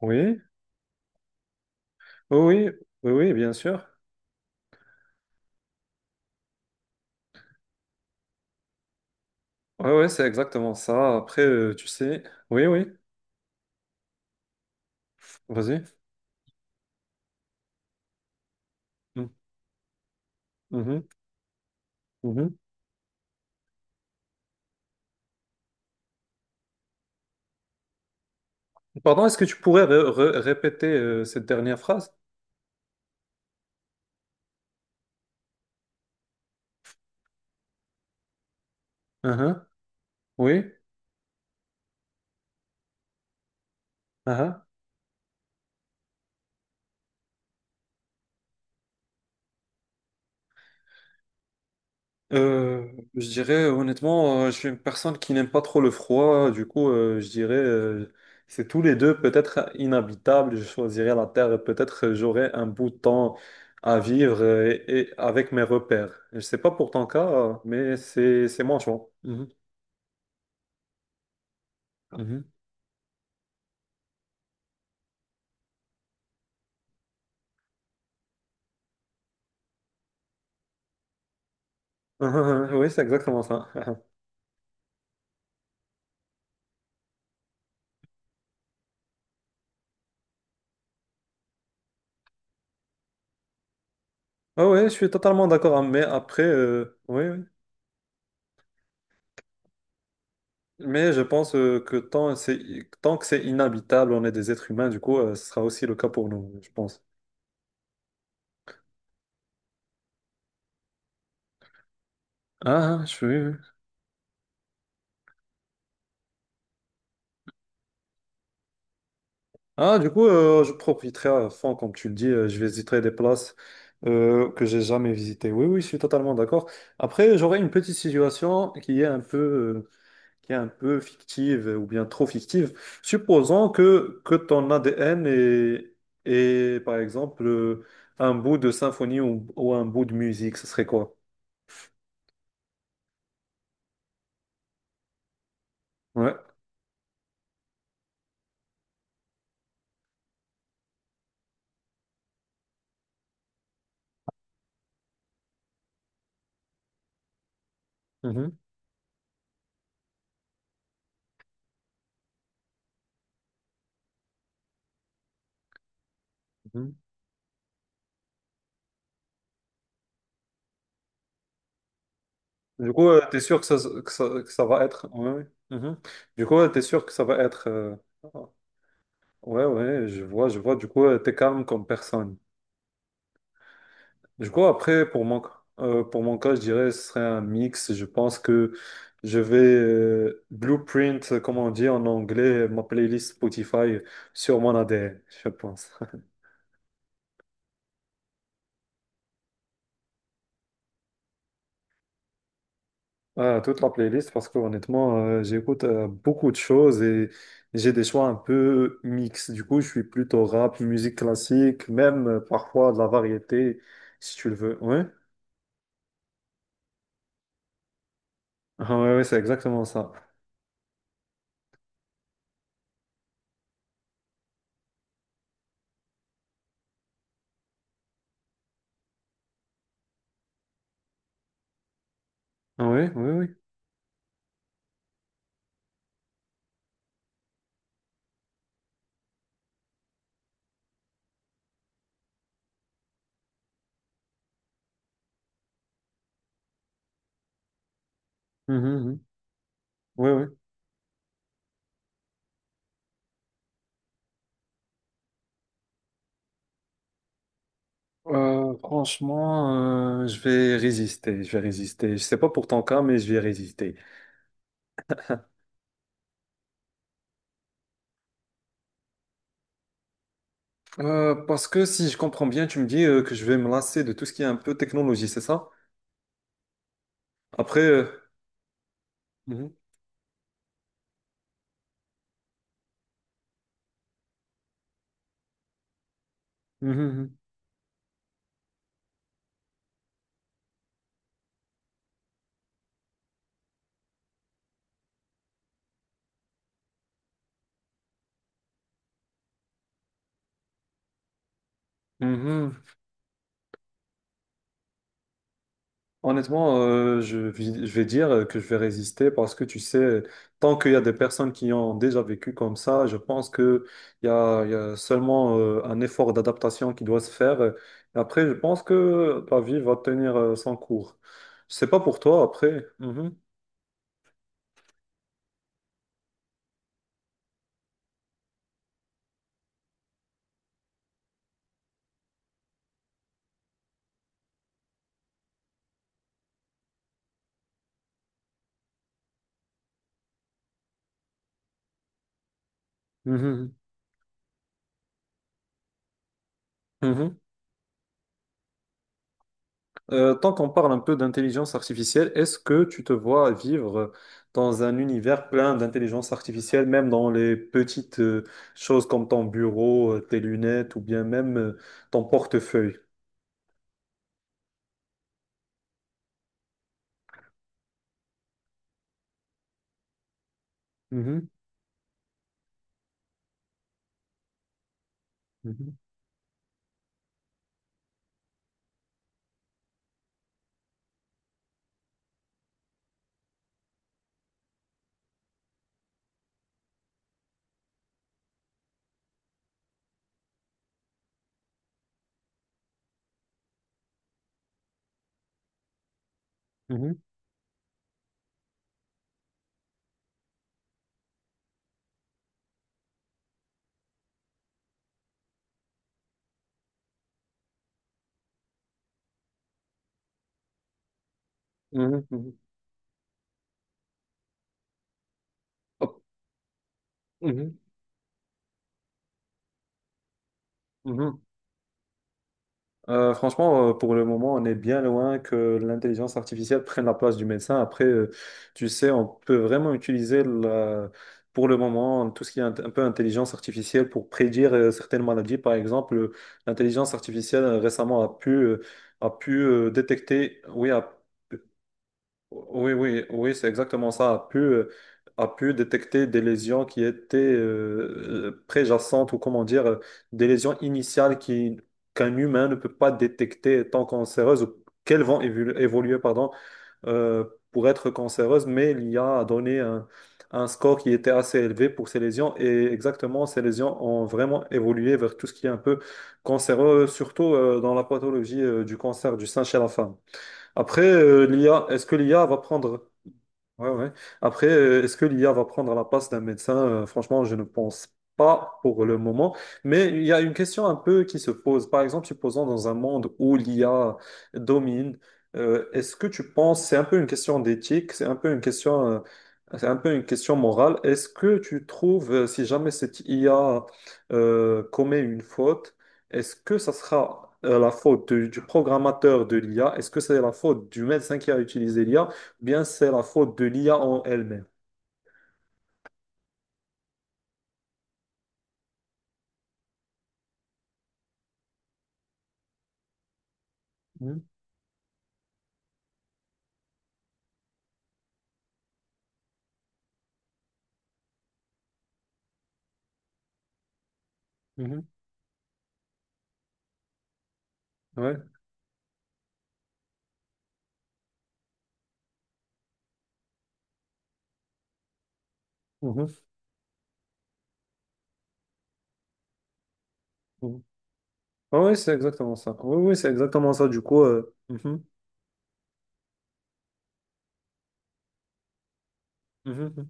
Oui, oui, oui, oui, bien sûr. Oui, oui, c'est exactement ça. Après, tu sais. Oui, oui, vas-y. Mm, mhm, mhm. Pardon, est-ce que tu pourrais répéter cette dernière phrase? Mhm, oui. Hein, hein. Euh, je dirais honnêtement, je suis une personne qui n'aime pas trop le froid, du coup, je dirais c'est tous les deux peut-être inhabitables. Je choisirais la terre et peut-être j'aurais un bout de temps à vivre et avec mes repères. Je sais pas pour ton cas, mais c'est mon choix. Mhm. Mhm. Oui, c'est exactement ça. Ah ouais, je suis totalement d'accord, hein, mais après, oui, oui. Mais je pense que tant que c'est inhabitable, on est des êtres humains, du coup, ce sera aussi le cas pour nous, je pense. Ah, ah, je suis... Ah, du coup, je profiterai à fond, comme tu le dis, je visiterai des places que j'ai jamais visitées. Oui, oui, je suis totalement d'accord. Après, j'aurais une petite situation qui est un peu, qui est un peu fictive ou bien trop fictive. Supposons que ton ADN est, par exemple, un bout de symphonie ou un bout de musique, ce serait quoi? Ouais. Mhm, mhm. Du coup, tu t'es sûr que ça va être... ouais, ouais. Mhm. Du coup, t'es sûr que ça va être... Ouais, ouais, je vois, du coup, t'es calme comme personne. Du coup, après, pour mon cas, je dirais, ce serait un mix. Je pense que je vais blueprint, comme on dit en anglais, ma playlist Spotify sur mon ADN, je pense. Ah, toute la playlist, parce que honnêtement, j'écoute beaucoup de choses et j'ai des choix un peu mix. Du coup, je suis plutôt rap, musique classique, même parfois de la variété, si tu le veux. Ouais, ah, ouais, ouais, c'est exactement ça. Ah, oui, oui, oui. Mhm, mhm. Oui, oui. Franchement, je vais résister. Je vais résister. Je sais pas pour ton cas, mais je vais résister. Parce que si je comprends bien, tu me dis que je vais me lasser de tout ce qui est un peu technologie, c'est ça? Après. Mhm, mhm, mhm. Mhm. Honnêtement, je vais dire que je vais résister parce que tu sais, tant qu'il y a des personnes qui ont déjà vécu comme ça, je pense que il y a seulement un effort d'adaptation qui doit se faire. Et après, je pense que la vie va tenir son cours. Je sais pas pour toi après. Mhm. Mhm. Mhm. Tant qu'on parle un peu d'intelligence artificielle, est-ce que tu te vois vivre dans un univers plein d'intelligence artificielle, même dans les petites choses comme ton bureau, tes lunettes ou bien même ton portefeuille? Mhm, mhm, mhm. Mhm, mhm, mhm. Hop, mhm, mhm. Franchement, pour le moment, on est bien loin que l'intelligence artificielle prenne la place du médecin. Après, tu sais, on peut vraiment utiliser pour le moment tout ce qui est un, peu intelligence artificielle pour prédire certaines maladies. Par exemple, l'intelligence artificielle récemment a pu détecter, oui, a oui, oui, oui, c'est exactement ça. A pu détecter des lésions qui étaient préjacentes ou comment dire, des lésions initiales qu'un humain ne peut pas détecter étant cancéreuses ou qu'elles vont évoluer, pardon, euh, pour être cancéreuses, mais l'IA a donné un score qui était assez élevé pour ces lésions et exactement, ces lésions ont vraiment évolué vers tout ce qui est un peu cancéreux, surtout dans la pathologie du cancer du sein chez la femme. Après, l'IA, est-ce que l'IA va prendre. Ouais, ouais. Après, est-ce que l'IA va prendre la place d'un médecin? Franchement, je ne pense pas pour le moment. Mais il y a une question un peu qui se pose. Par exemple, supposons dans un monde où l'IA domine, est-ce que tu penses, c'est un peu une question d'éthique, c'est un peu une question, c'est un peu une question morale. Est-ce que tu trouves, si jamais cette IA commet une faute, est-ce que ça sera la faute du programmateur de l'IA? Est-ce que c'est la faute du médecin qui a utilisé l'IA? Bien c'est la faute de l'IA en elle-même. Mhm, mhm, ouais, mhm, mhm. Ah ouais, c'est exactement ça. Oui, oui, c'est exactement ça. Du coup, mhm, mhm, mhm.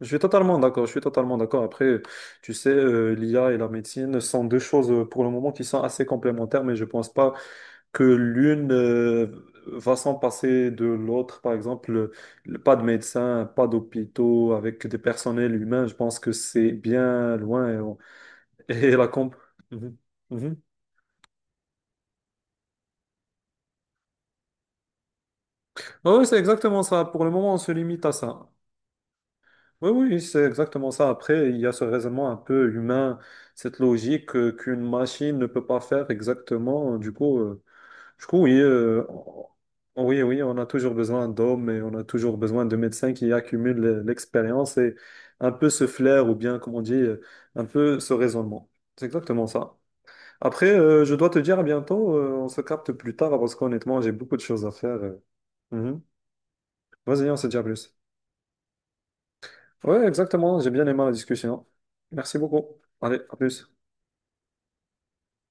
Je suis totalement d'accord. Je suis totalement d'accord. Après, tu sais, l'IA et la médecine sont deux choses pour le moment qui sont assez complémentaires, mais je pense pas que l'une va s'en passer de l'autre. Par exemple, pas de médecins, pas d'hôpitaux avec des personnels humains. Je pense que c'est bien loin et et la comp. Mhm, mhm. Ah, oui, c'est exactement ça. Pour le moment, on se limite à ça. Oui, oui, c'est exactement ça. Après, il y a ce raisonnement un peu humain, cette logique qu'une machine ne peut pas faire exactement. Du coup, oui, oui, oui, on a toujours besoin d'hommes et on a toujours besoin de médecins qui accumulent l'expérience et un peu ce flair ou bien, comme on dit, un peu ce raisonnement. C'est exactement ça. Après, je dois te dire à bientôt. On se capte plus tard parce qu'honnêtement, j'ai beaucoup de choses à faire. Mhm. Vas-y, on se dit à plus. Ouais, exactement. J'ai bien aimé la discussion. Merci beaucoup. Allez, à plus.